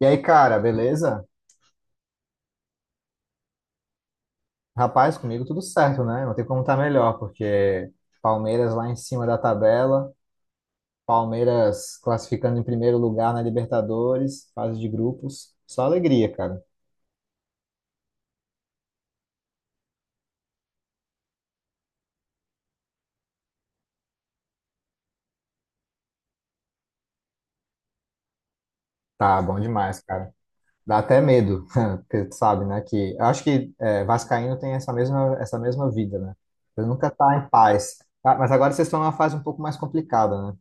E aí, cara, beleza? Rapaz, comigo tudo certo, né? Não tem como estar melhor, porque Palmeiras lá em cima da tabela, Palmeiras classificando em primeiro lugar na Libertadores, fase de grupos. Só alegria, cara. Tá bom demais, cara. Dá até medo, porque tu sabe, né? Que eu acho que é, Vascaíno tem essa mesma vida, né? Ele nunca tá em paz. Ah, mas agora vocês estão numa fase um pouco mais complicada, né?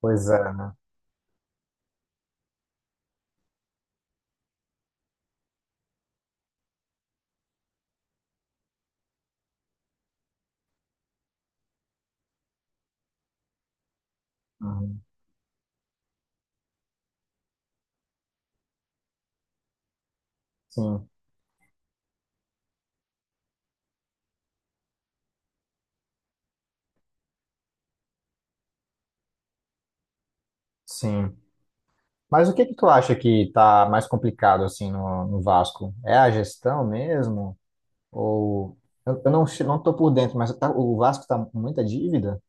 Pois é, né? Uhum. Sim, sim. Mas o que que tu acha que tá mais complicado assim no Vasco? É a gestão mesmo? Ou eu não che- não tô por dentro, mas tá- o Vasco tá com muita dívida?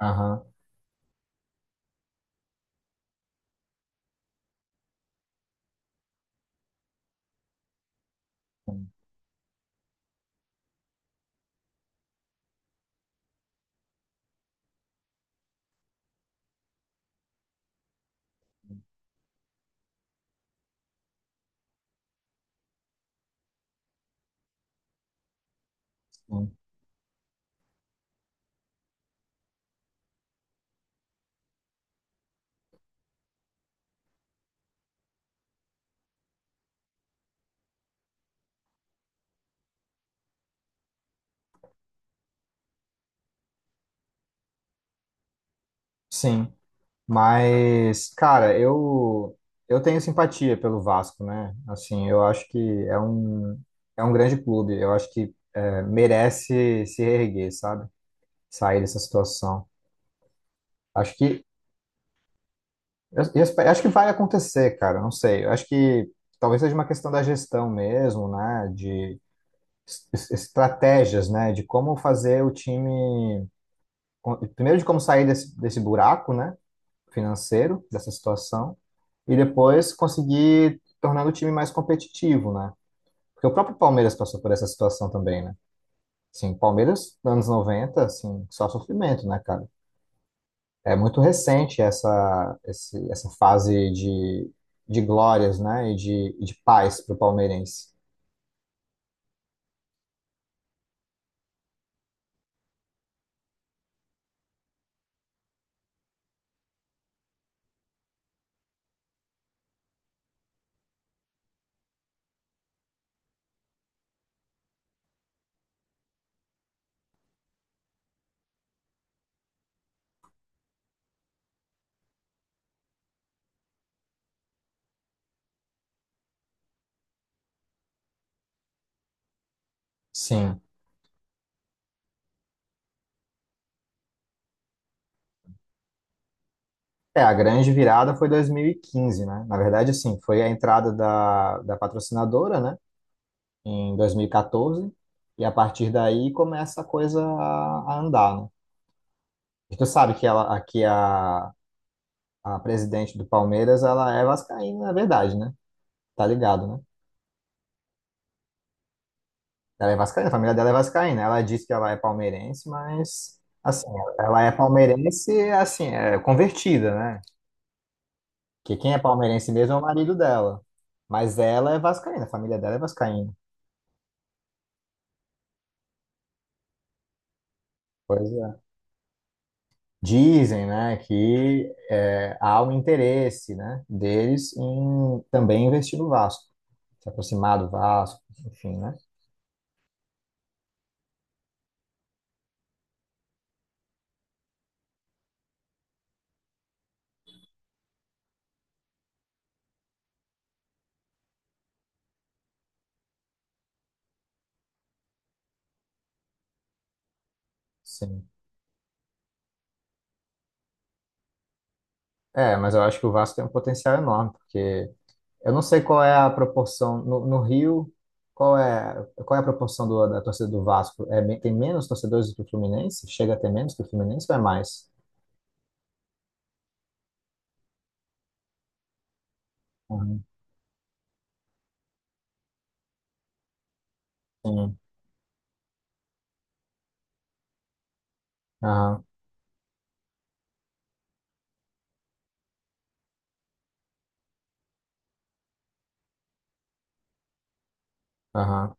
Aham. Sim, sim. Mas cara, eu tenho simpatia pelo Vasco, né? Assim, eu acho que é um é um grande clube. Eu acho que é, merece se reerguer, sabe? Sair dessa situação. Acho que eu espe- acho que vai acontecer, cara. Não sei. Eu acho que talvez seja uma questão da gestão mesmo, né? De es- es- estratégias, né? De como fazer o time. Primeiro, de como sair desse buraco, né? Financeiro, dessa situação. E depois conseguir tornar o time mais competitivo, né? Porque o próprio Palmeiras passou por essa situação também, né? Assim, Palmeiras, anos 90, assim, só sofrimento, né, cara? É muito recente essa, esse- essa fase de glórias, né? E de paz para o palmeirense. Sim, é, a grande virada foi 2015, né? Na verdade, assim, foi a entrada da patrocinadora, né? Em 2014. E quatorze. E a partir daí começa a coisa a andar, né? E tu sabe que ela, aqui a presidente do Palmeiras, ela é vascaína, na verdade, né? Tá ligado, né? Ela é vascaína, a família dela é vascaína. Ela diz que ela é palmeirense, mas assim, ela é palmeirense, assim, é convertida, né? Que quem é palmeirense mesmo é o marido dela. Mas ela é vascaína, a família dela é vascaína. Pois é. Dizem, né, que há um interesse, né, deles em também investir no Vasco, se aproximar do Vasco, enfim, né? Sim. É, mas eu acho que o Vasco tem um potencial enorme, porque eu não sei qual é a proporção no Rio, qual é a proporção do- da torcida do Vasco? É, me- tem menos torcedores do que o Fluminense? Chega a ter menos que o Fluminense ou é mais? Uhum, sim. Aham, aham,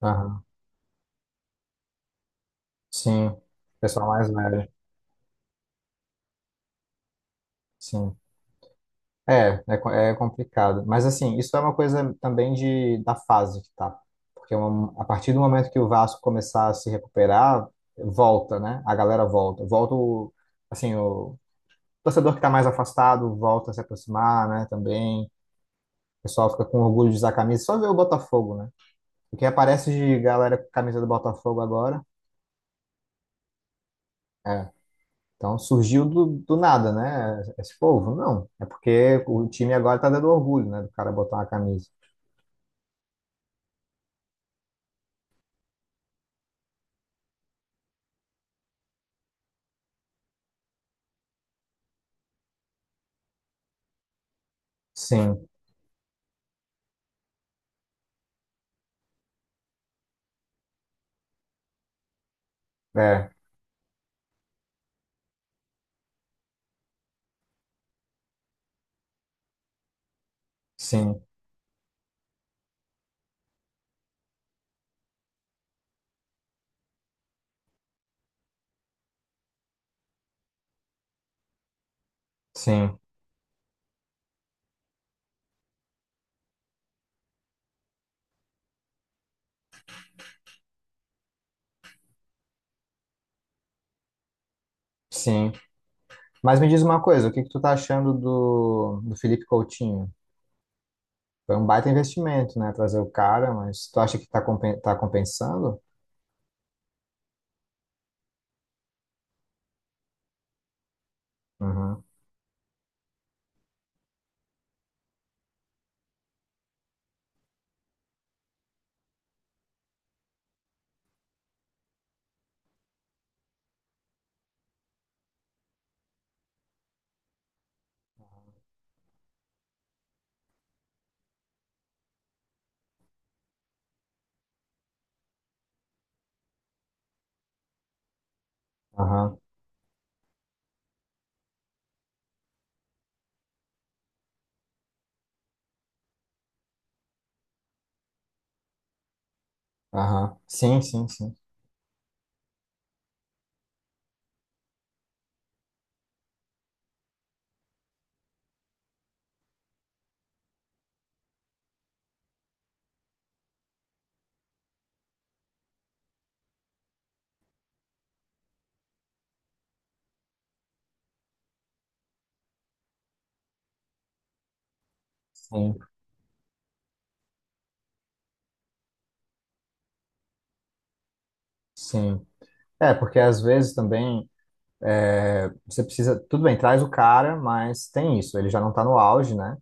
aham. Sim. Pessoal mais velho. Sim. É, é, co- é complicado. Mas assim, isso é uma coisa também de, da fase que tá. Porque um- a partir do momento que o Vasco começar a se recuperar, volta, né? A galera volta. Volta o, assim, o, torcedor que está mais afastado volta a se aproximar, né? Também. O pessoal fica com orgulho de usar a camisa. Só ver o Botafogo, né? O que aparece de galera com camisa do Botafogo agora. É. Então surgiu do nada, né? Esse povo. Não. É porque o time agora tá dando orgulho, né? Do cara botar uma camisa. Sim. É. Sim. Sim. Sim. Mas me diz uma coisa, o que que tu tá achando do Felipe Coutinho? Foi um baita investimento, né? Trazer o cara, mas tu acha que tá, compen tá compensando? Uhum. Aham. Aham. Sim, sim, sim. Sim, sim. É, porque às vezes também você precisa. Tudo bem, traz o cara, mas tem isso, ele já não tá no auge, né?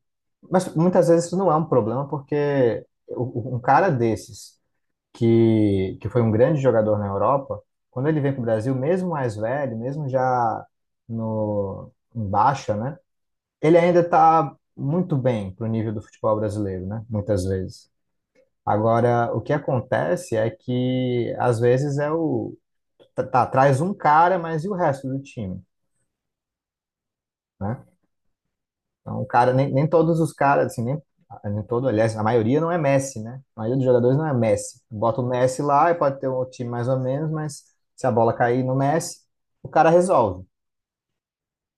Mas muitas vezes isso não é um problema, porque o- um cara desses, que foi um grande jogador na Europa, quando ele vem para o Brasil, mesmo mais velho, mesmo já no, em baixa, né? Ele ainda tá muito bem pro nível do futebol brasileiro, né? Muitas vezes. Agora, o que acontece é que às vezes é o tá, tá, traz um cara, mas e o resto do time, né? Então, o cara nem, nem todos os caras assim, nem, nem todo, aliás, a maioria não é Messi, né? A maioria dos jogadores não é Messi. Bota o Messi lá e pode ter um time mais ou menos, mas se a bola cair no Messi, o cara resolve.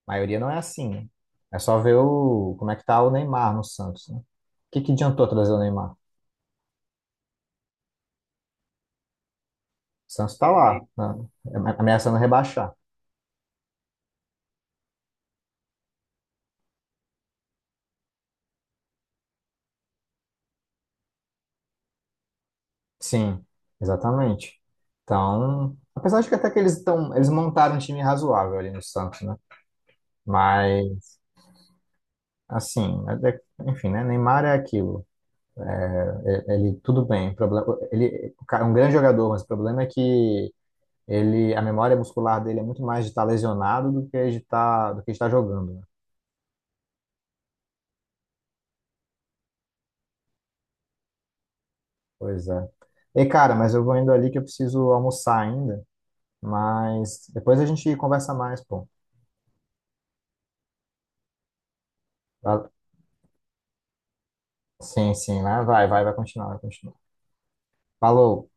A maioria não é assim, né? É só ver o como é que tá o Neymar no Santos, né? O que que adiantou trazer o Neymar? O Santos tá lá, né? Ameaçando rebaixar. Sim, exatamente. Então, apesar de que até que eles estão, eles montaram um time razoável ali no Santos, né? Mas, assim, é- é- enfim, né? Neymar é aquilo. É- ele, tudo bem. O problema, ele o cara é um grande jogador, mas o problema é que ele, a memória muscular dele é muito mais de estar lesionado do que de estar, do que de estar jogando, né? Pois é. Ei, cara, mas eu vou indo ali que eu preciso almoçar ainda. Mas depois a gente conversa mais, pô. Val- sim, sim, né? Vai, vai, vai continuar, vai continuar. Falou.